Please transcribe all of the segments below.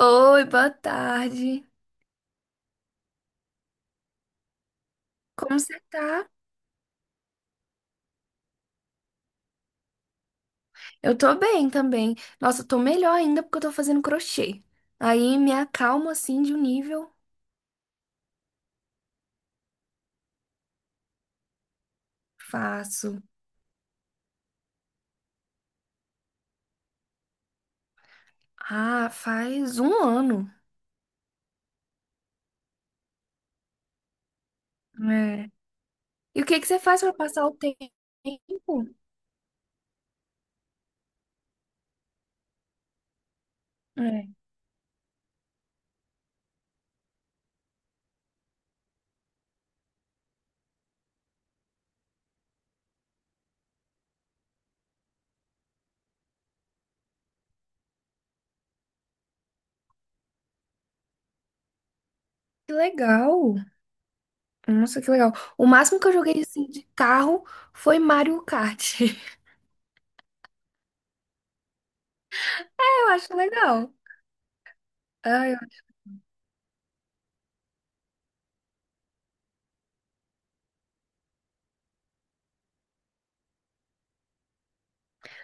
Oi, boa tarde. Como você tá? Eu tô bem também. Nossa, eu tô melhor ainda porque eu tô fazendo crochê. Aí me acalmo assim de um nível. Faço. Ah, faz 1 ano. É. E o que que você faz pra passar o tempo? É. Que legal. Nossa, que legal. O máximo que eu joguei assim de carro foi Mario Kart. Eu acho legal. Ah, eu,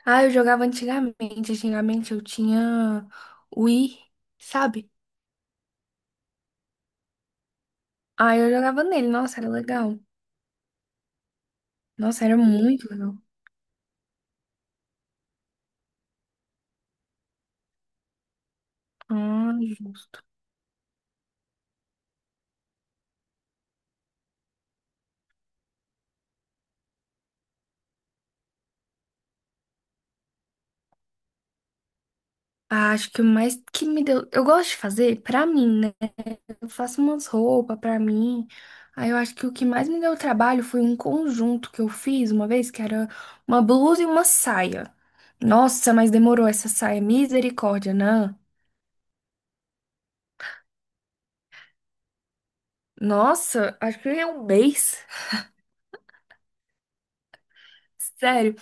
ah, eu jogava antigamente. Antigamente eu tinha Wii, sabe? Ah, eu jogava nele. Nossa, era legal. Nossa, era muito legal. Ah, justo. Ah, acho que o mais que me deu. Eu gosto de fazer pra mim, né? Eu faço umas roupas pra mim. Aí eu acho que o que mais me deu trabalho foi um conjunto que eu fiz uma vez, que era uma blusa e uma saia. Nossa, mas demorou essa saia. Misericórdia, né? Nossa, acho que é 1 mês. Sério.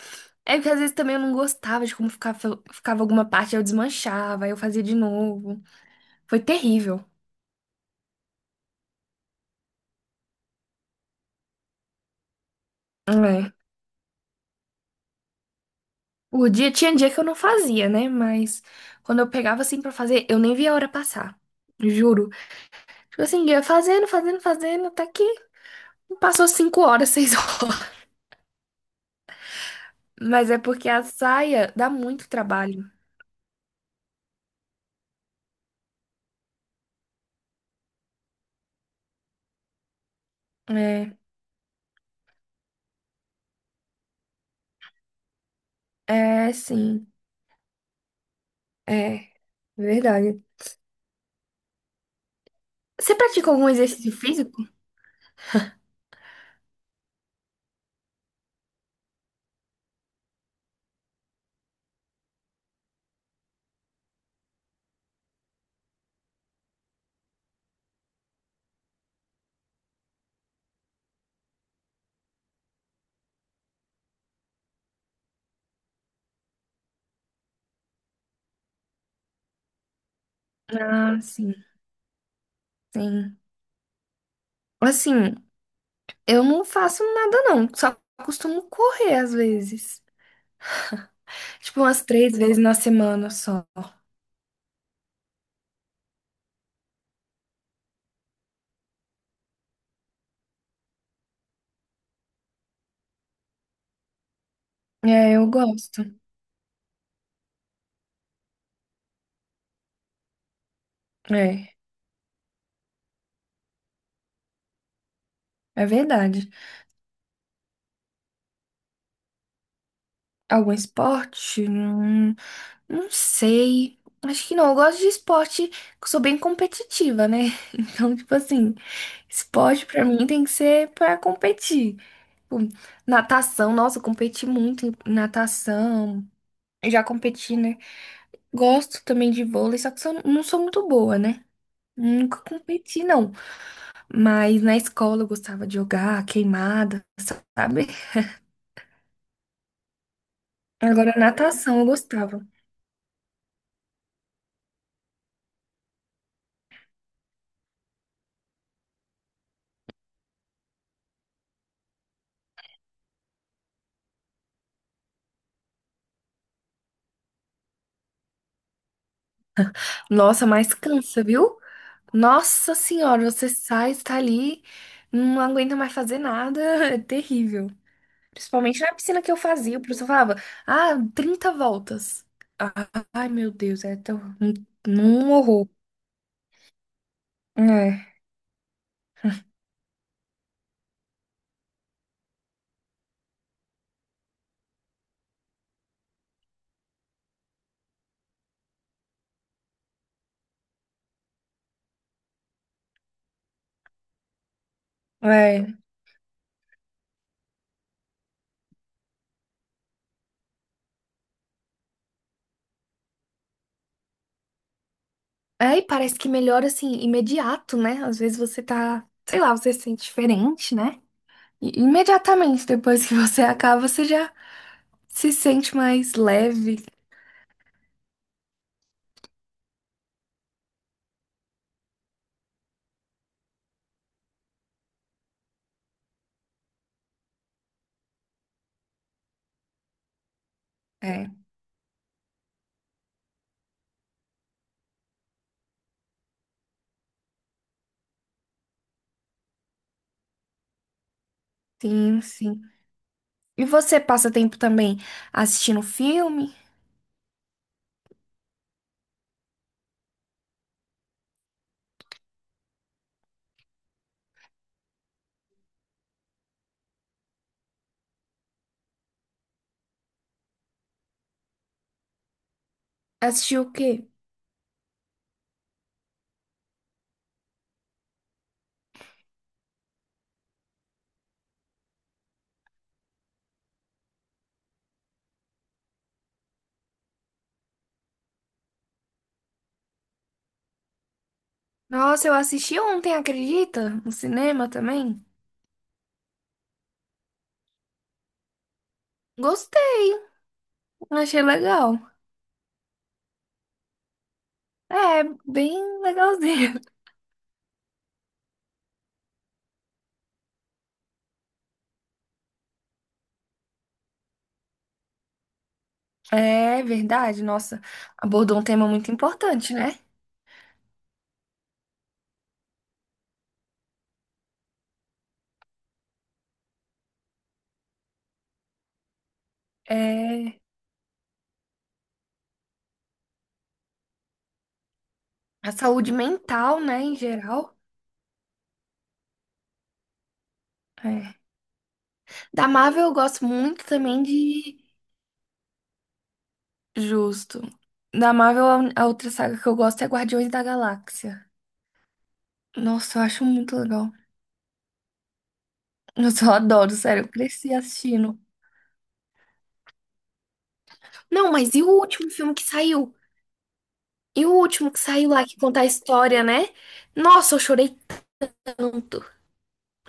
É que às vezes também eu não gostava de como ficava, ficava alguma parte, eu desmanchava, aí eu fazia de novo. Foi terrível. É. O dia tinha dia que eu não fazia, né? Mas quando eu pegava assim pra fazer, eu nem via a hora passar. Juro. Tipo assim, eu ia fazendo, fazendo, fazendo, até que passou 5 horas, 6 horas. Mas é porque a saia dá muito trabalho. É, é sim. É, verdade. Você pratica algum exercício físico? Ah, sim, sim. Assim, eu não faço nada não, só costumo correr às vezes. Tipo, umas 3 vezes na semana só. É, eu gosto. É, é verdade. Algum esporte? Não, não sei. Acho que não. Eu gosto de esporte, eu sou bem competitiva, né? Então, tipo assim, esporte pra mim tem que ser pra competir. Tipo, natação, nossa, eu competi muito em natação. Eu já competi, né? Gosto também de vôlei, só que não sou muito boa, né? Nunca competi, não. Mas na escola eu gostava de jogar queimada, sabe? Agora natação eu gostava. Nossa, mas cansa, viu? Nossa senhora, você sai, está ali, não aguenta mais fazer nada, é terrível. Principalmente na piscina que eu fazia, o professor falava, ah, 30 voltas. Ah, ai, meu Deus, é tão um horror. É, é. É, e parece que melhora, assim, imediato, né? Às vezes você tá, sei lá, você se sente diferente, né? E imediatamente depois que você acaba, você já se sente mais leve. É, sim, sim. E você passa tempo também assistindo filme? Assistiu o quê? Nossa, eu assisti ontem, acredita? No cinema também. Gostei, achei legal. É, bem legalzinho. É verdade, nossa, abordou um tema muito importante, né? É a saúde mental, né, em geral. É. Da Marvel eu gosto muito também de justo. Da Marvel, a outra saga que eu gosto é Guardiões da Galáxia. Nossa, eu acho muito legal. Eu só adoro, sério, eu cresci assistindo. Não, mas e o último filme que saiu? E o último que saiu lá que conta a história, né? Nossa, eu chorei tanto.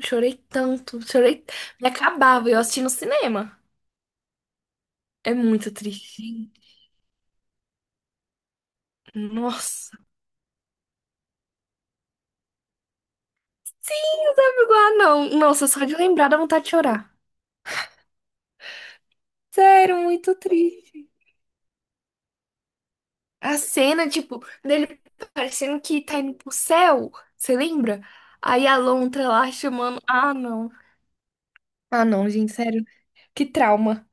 Chorei tanto, chorei. Me acabava, eu assisti no cinema. É muito triste, gente. Nossa. Sim, os amigos lá, não. Nossa, só de lembrar dá vontade de chorar. Sério, muito triste. A cena, tipo, dele parecendo que tá indo pro céu. Você lembra? Aí a lontra lá chamando. Ah, não. Ah, não, gente, sério. Que trauma.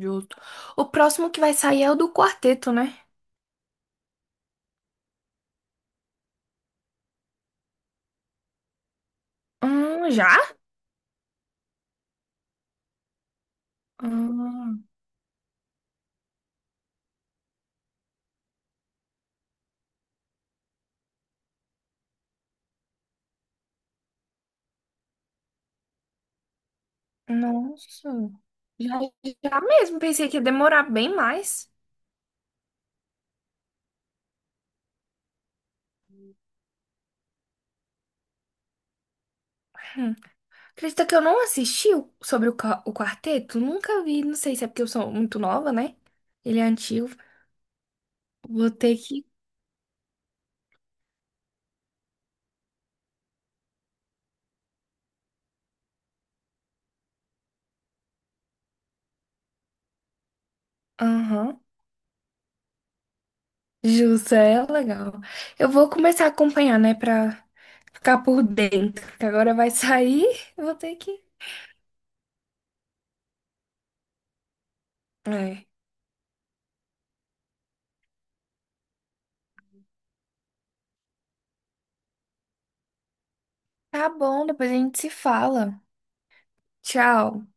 Justo. O próximo que vai sair é o do quarteto, né? Já? Ah, nossa. Já, já mesmo. Pensei que ia demorar bem mais. Hum. Acredita que eu não assisti sobre o, o quarteto? Nunca vi. Não sei se é porque eu sou muito nova, né? Ele é antigo. Vou ter que. Aham. Justo, é legal. Eu vou começar a acompanhar, né? Pra ficar por dentro. Que agora vai sair. Eu vou ter que. É. Tá bom, depois a gente se fala. Tchau.